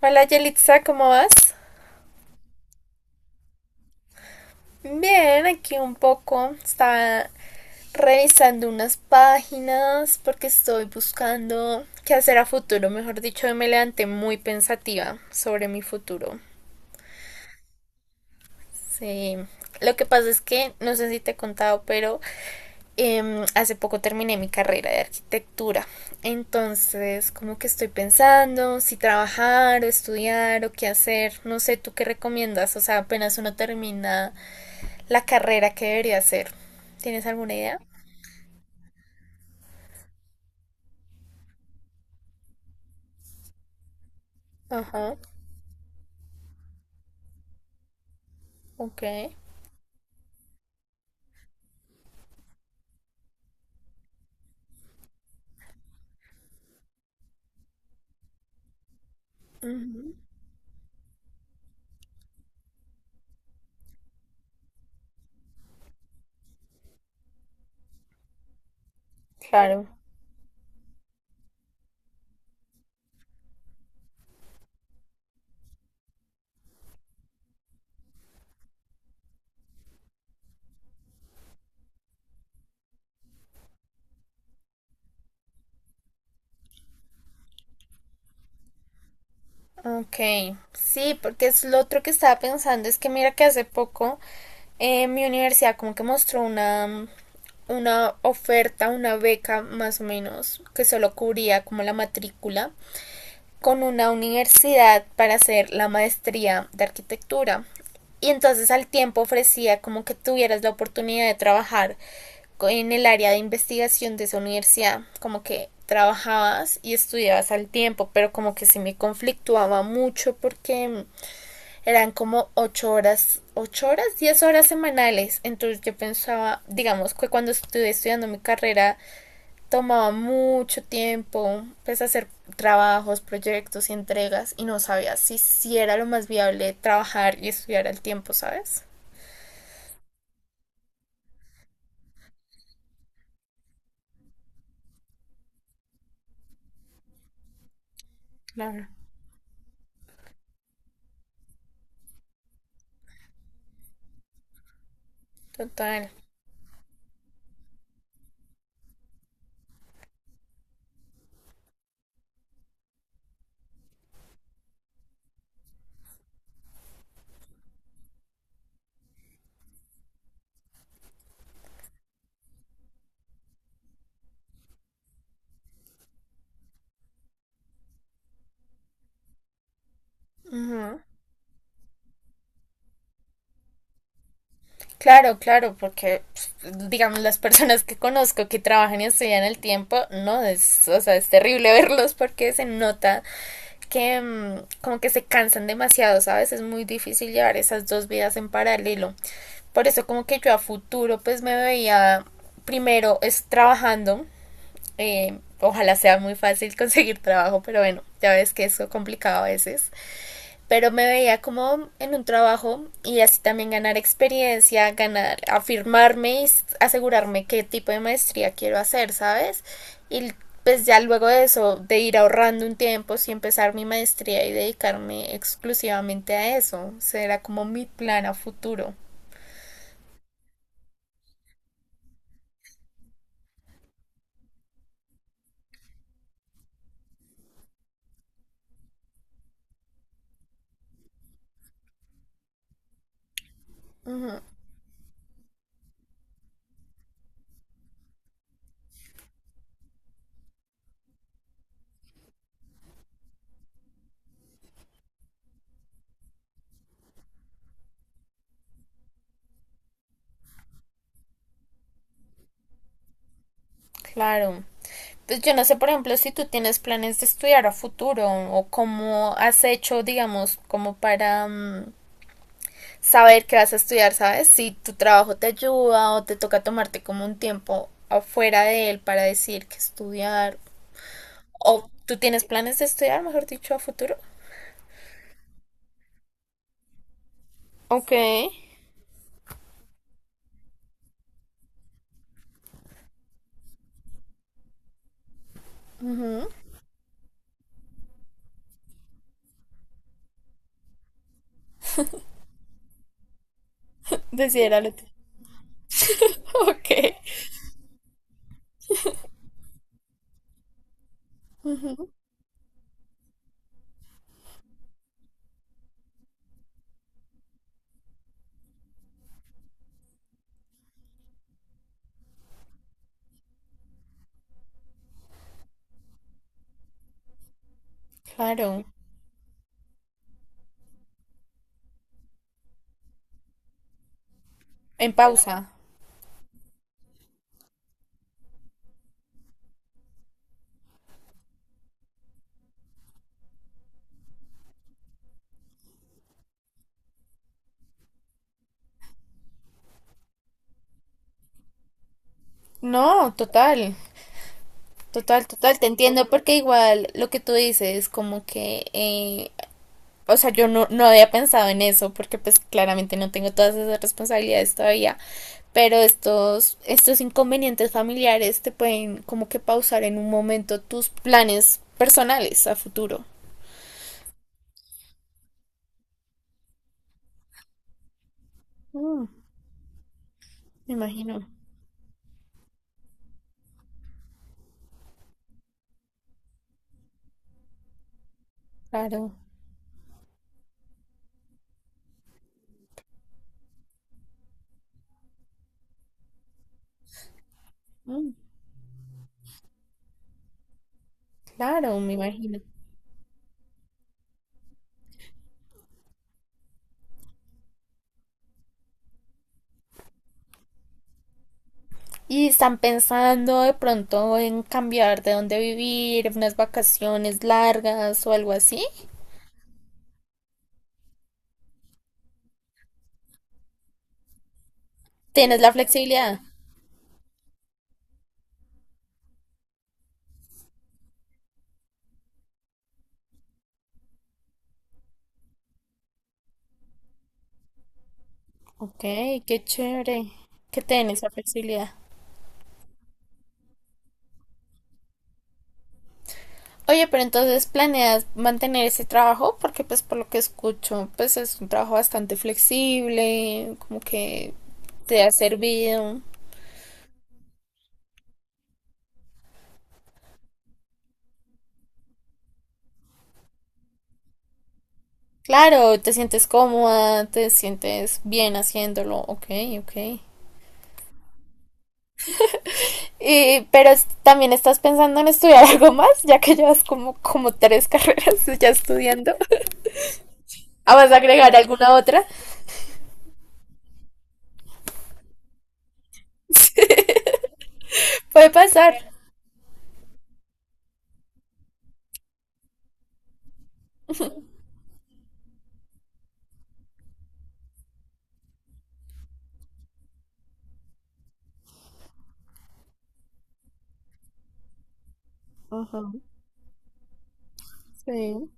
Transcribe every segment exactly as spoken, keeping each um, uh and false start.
Hola Yelitza, ¿cómo vas? Bien, aquí un poco. Estaba revisando unas páginas porque estoy buscando qué hacer a futuro. Mejor dicho, me levanté muy pensativa sobre mi futuro. Sí. Lo que pasa es que, no sé si te he contado, pero em, hace poco terminé mi carrera de arquitectura. Entonces, como que estoy pensando si trabajar o estudiar o qué hacer. No sé, ¿tú qué recomiendas? O sea, apenas uno termina la carrera, que debería hacer? ¿Tienes alguna idea? Ajá, ok. Ujú, claro. Ok, sí, porque es lo otro que estaba pensando, es que mira que hace poco eh, mi universidad como que mostró una, una oferta, una beca más o menos, que solo cubría como la matrícula con una universidad para hacer la maestría de arquitectura. Y entonces al tiempo ofrecía como que tuvieras la oportunidad de trabajar en el área de investigación de esa universidad, como que trabajabas y estudiabas al tiempo, pero como que sí me conflictuaba mucho porque eran como ocho horas, ocho horas, diez horas semanales. Entonces yo pensaba, digamos que cuando estuve estudiando mi carrera tomaba mucho tiempo, empecé a hacer trabajos, proyectos y entregas y no sabía si, si era lo más viable trabajar y estudiar al tiempo, ¿sabes? Claro. Total. Ujú. Claro, claro, porque pues, digamos, las personas que conozco que trabajan y estudian al tiempo, no, es, o sea, es terrible verlos porque se nota que mmm, como que se cansan demasiado, ¿sabes? Es muy difícil llevar esas dos vidas en paralelo. Por eso como que yo a futuro pues me veía primero es trabajando. Eh, ojalá sea muy fácil conseguir trabajo, pero bueno, ya ves que es complicado a veces, pero me veía como en un trabajo y así también ganar experiencia, ganar, afirmarme y asegurarme qué tipo de maestría quiero hacer, ¿sabes? Y pues ya luego de eso, de ir ahorrando un tiempo, sí empezar mi maestría y dedicarme exclusivamente a eso, será como mi plan a futuro, claro. Pues yo no sé, por ejemplo, si tú tienes planes de estudiar a futuro o cómo has hecho, digamos, como para um, saber qué vas a estudiar, ¿sabes? Si tu trabajo te ayuda o te toca tomarte como un tiempo afuera de él para decir qué estudiar. O tú tienes planes de estudiar, mejor dicho, a futuro. Ok, desidéralo tú. Ok. Claro, en pausa. No, total, total, total, te entiendo. Porque igual lo que tú dices, como que, eh, o sea, yo no, no había pensado en eso, porque pues claramente no tengo todas esas responsabilidades todavía, pero estos, estos inconvenientes familiares te pueden como que pausar en un momento tus planes personales a futuro. Mm, me imagino, claro. Mm, claro, me imagino. Y están pensando de pronto en cambiar de dónde vivir, unas vacaciones largas o algo así. ¿Tienes la flexibilidad? Ok, qué chévere que tienes esa flexibilidad. Oye, pero entonces planeas mantener ese trabajo porque pues por lo que escucho, pues es un trabajo bastante flexible, como que te ha servido. Claro, te sientes cómoda, te sientes bien haciéndolo, ok, ok. Y, pero es- también estás pensando en estudiar algo más, ya que llevas como, como tres carreras ya estudiando. ¿Ah, vas a agregar alguna otra? Puede pasar. Ajá, sí.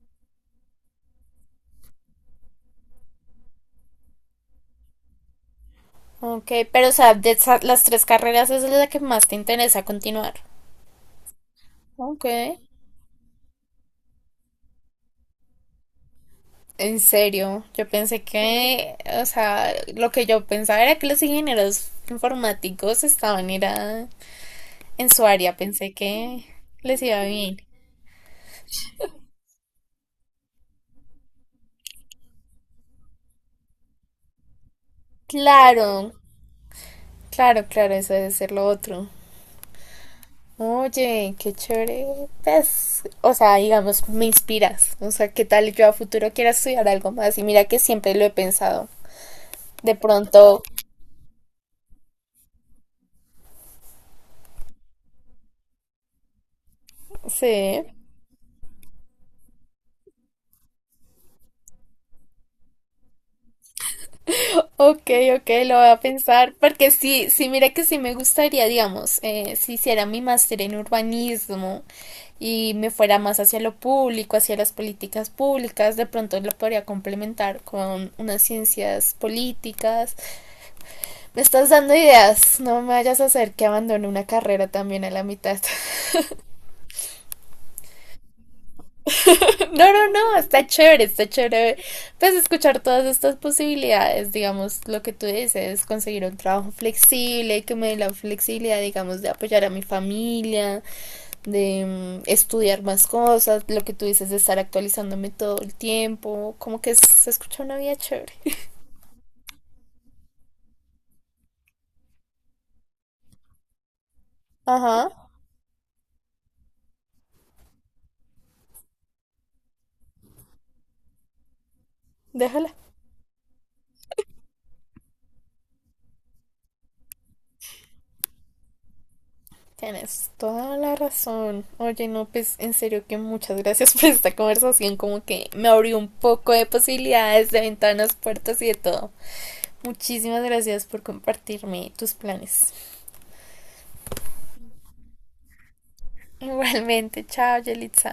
Ok, pero o sea, de esa- las tres carreras, esa es la que más te interesa continuar. Ok, en serio, yo pensé que, o sea, lo que yo pensaba era que los ingenieros informáticos estaban era en su área, pensé que les iba bien. Claro, claro, claro, eso debe ser lo otro. Oye, qué chévere. Pues, o sea, digamos, me inspiras. O sea, ¿qué tal yo a futuro quiera estudiar algo más? Y mira que siempre lo he pensado. De pronto, sí. Ok, ok, lo voy a pensar, porque sí, sí, mira que sí me gustaría, digamos, eh, si hiciera mi máster en urbanismo y me fuera más hacia lo público, hacia las políticas públicas, de pronto lo podría complementar con unas ciencias políticas. Me estás dando ideas, no me vayas a hacer que abandone una carrera también a la mitad. No, no, no, está chévere, está chévere. Pues escuchar todas estas posibilidades, digamos, lo que tú dices, conseguir un trabajo flexible, que me dé la flexibilidad, digamos, de apoyar a mi familia, de mm, estudiar más cosas, lo que tú dices de estar actualizándome todo el tiempo, como que se escucha una vida chévere. Ajá, déjala. Tienes toda la razón. Oye, no, pues en serio que muchas gracias por esta conversación, como que me abrió un poco de posibilidades, de ventanas, puertas y de todo. Muchísimas gracias por compartirme tus planes. Igualmente, chao, Yelitza.